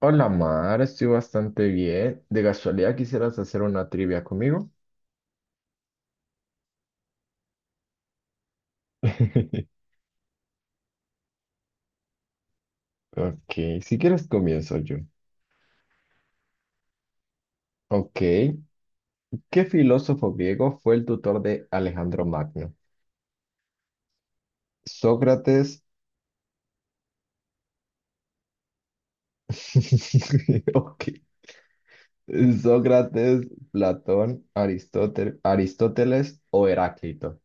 Hola Mar, estoy bastante bien. ¿De casualidad quisieras hacer una trivia conmigo? Ok, si quieres comienzo yo. Ok, ¿qué filósofo griego fue el tutor de Alejandro Magno? Sócrates. Ok. Sócrates, Platón, Aristóteles o Heráclito.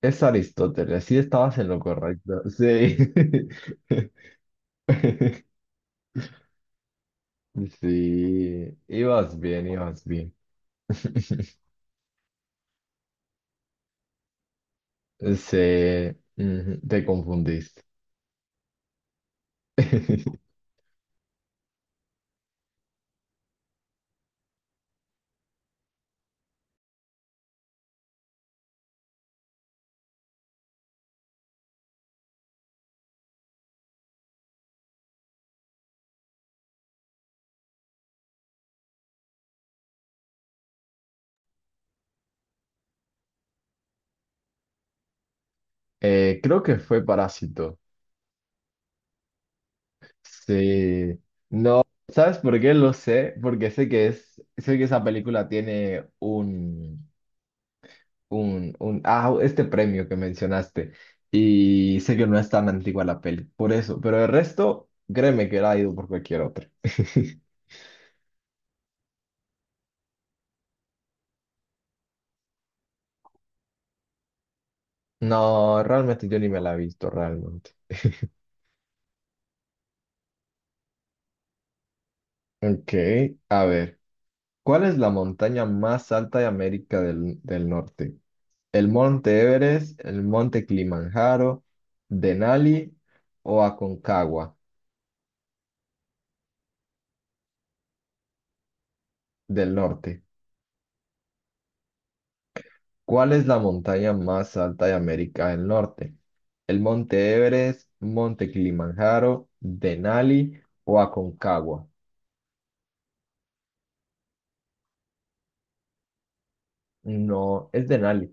Es Aristóteles, sí estabas en lo correcto. Sí. Sí, ibas bien, ibas bien. Se, ujú, te confundiste. Creo que fue Parásito. Sí. ¿Sabes por qué lo sé? Porque sé que esa película tiene este premio que mencionaste. Y sé que no es tan antigua la peli, por eso. Pero el resto, créeme que era ido por cualquier otra. No, realmente yo ni me la he visto, realmente. Ok, a ver. ¿Cuál es la montaña más alta de América del Norte? El Monte Everest, el Monte Kilimanjaro, Denali o Aconcagua del norte. ¿Cuál es la montaña más alta de América del Norte? El Monte Everest, Monte Kilimanjaro, Denali o Aconcagua. No, es Denali.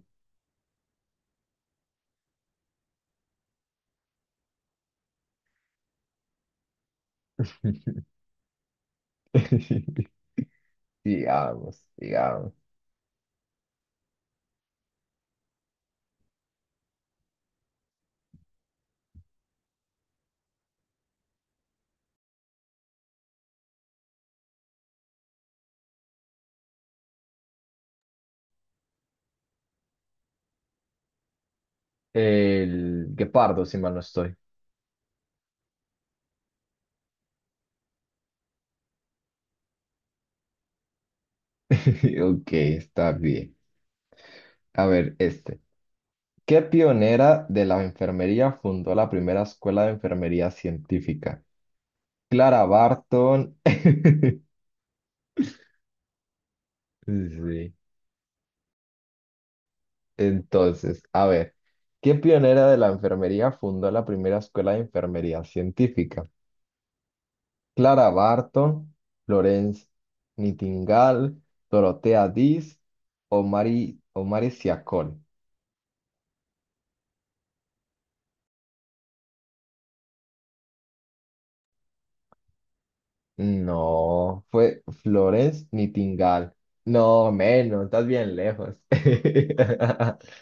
Digamos, digamos. El guepardo, si mal no estoy. Ok, está bien. A ver, este. ¿Qué pionera de la enfermería fundó la primera escuela de enfermería científica? Clara Barton. Sí. Entonces, a ver, ¿qué pionera de la enfermería fundó la primera escuela de enfermería científica? Clara Barton, Florence Nightingale, Dorotea Dis o Mary Siacol. No, fue Florence Nightingale. No, menos, estás bien lejos.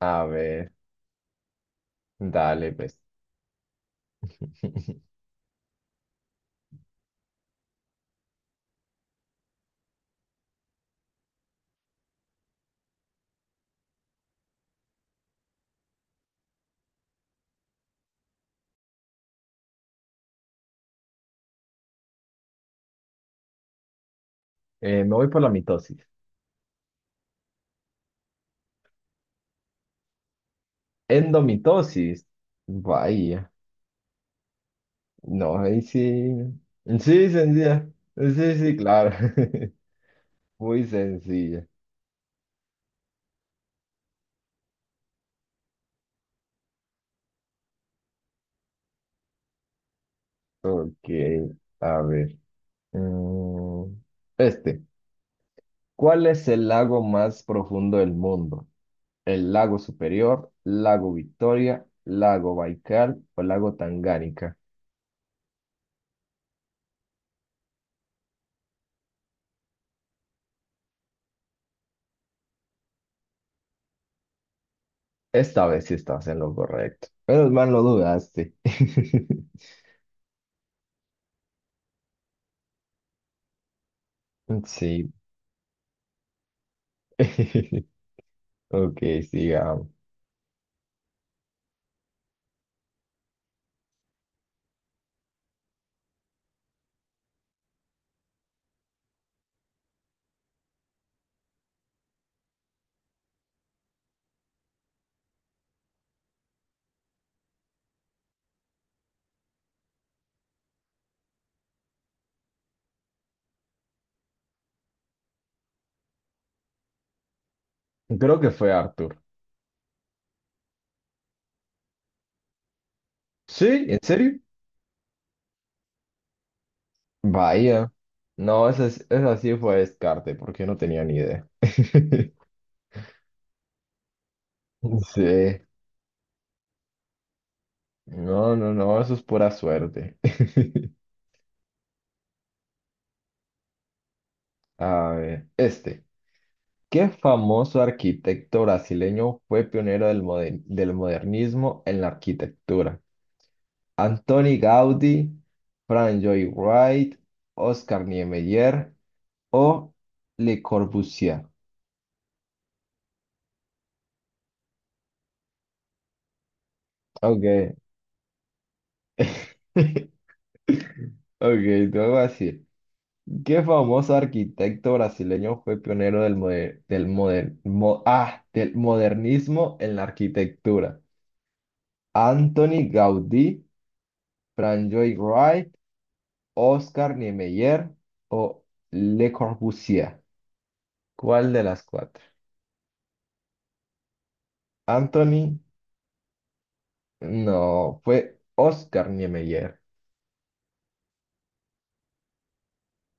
A ver, dale, pues. Me voy por la mitosis. Endomitosis. Vaya. No, ahí sí. Sí, sencilla. Sí, sí, claro. Muy sencilla. Ok, a ver. Mm, Este. ¿Cuál es el lago más profundo del mundo? ¿El lago Superior, lago Victoria, lago Baikal o lago Tangánica? Esta vez sí estás en lo correcto. Menos mal lo dudaste. Sí. Ok, sigamos. Creo que fue Arthur. ¿Sí? ¿En serio? Vaya. No, esa sí fue descarte, porque no tenía ni idea. Sí. No, no, no, eso es pura suerte. A ver, este. ¿Qué famoso arquitecto brasileño fue pionero del modernismo en la arquitectura? Antoni Gaudí, Frank Lloyd Wright, Oscar Niemeyer o Le Corbusier. Ok. Ok, te voy a decir. ¿Qué famoso arquitecto brasileño fue pionero del modernismo en la arquitectura? Anthony Gaudí, Frank Wright, Oscar Niemeyer o Le Corbusier. ¿Cuál de las cuatro? Anthony, no, fue Oscar Niemeyer.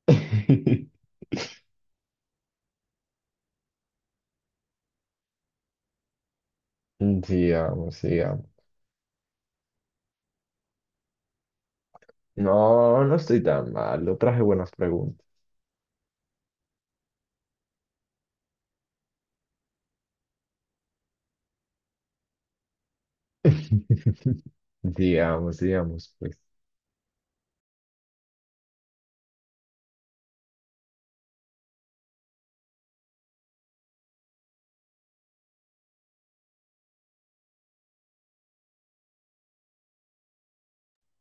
Sigamos, sigamos. No, no estoy tan mal. Lo traje buenas preguntas. Digamos, digamos, pues.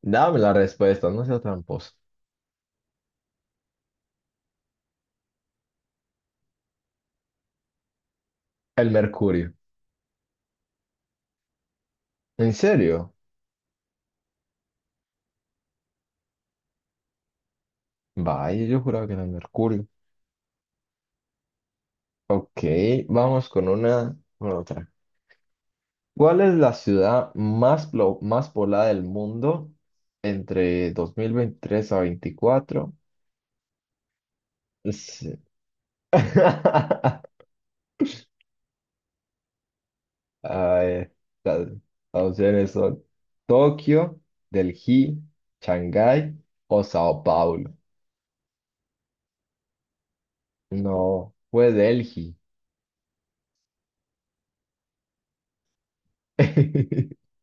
Dame la respuesta, no sea tramposo. El mercurio. ¿En serio? Vaya, yo juraba que era el mercurio. Ok, vamos con una, con otra. ¿Cuál es la ciudad más poblada del mundo entre 2023 a 24? Sí. Ah, las las opciones son Tokio, Delhi, Shanghái o Sao Paulo. No, fue Delhi.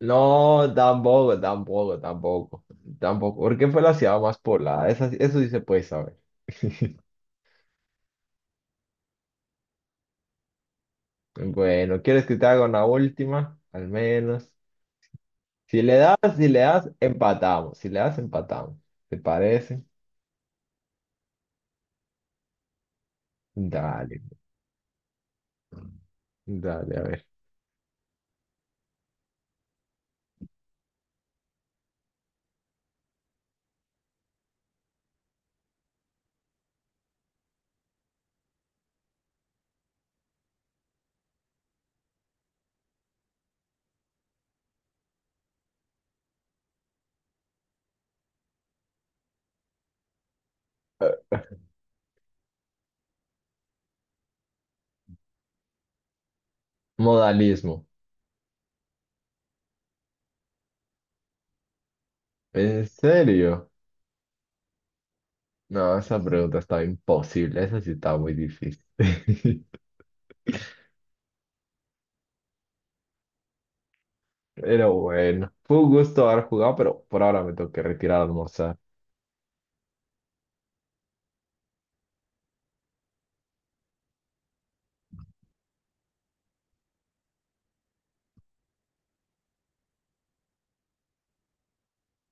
No, tampoco, tampoco, tampoco, tampoco, porque fue la ciudad más poblada, sí, eso sí se puede saber. Bueno, ¿quieres que te haga una última? Al menos. Si le das, empatamos. Si le das, empatamos. ¿Te parece? Dale, dale, a ver. Modalismo. ¿En serio? No, esa pregunta estaba imposible, esa sí estaba muy difícil. Pero bueno, fue un gusto haber jugado, pero por ahora me tengo que retirar a almorzar.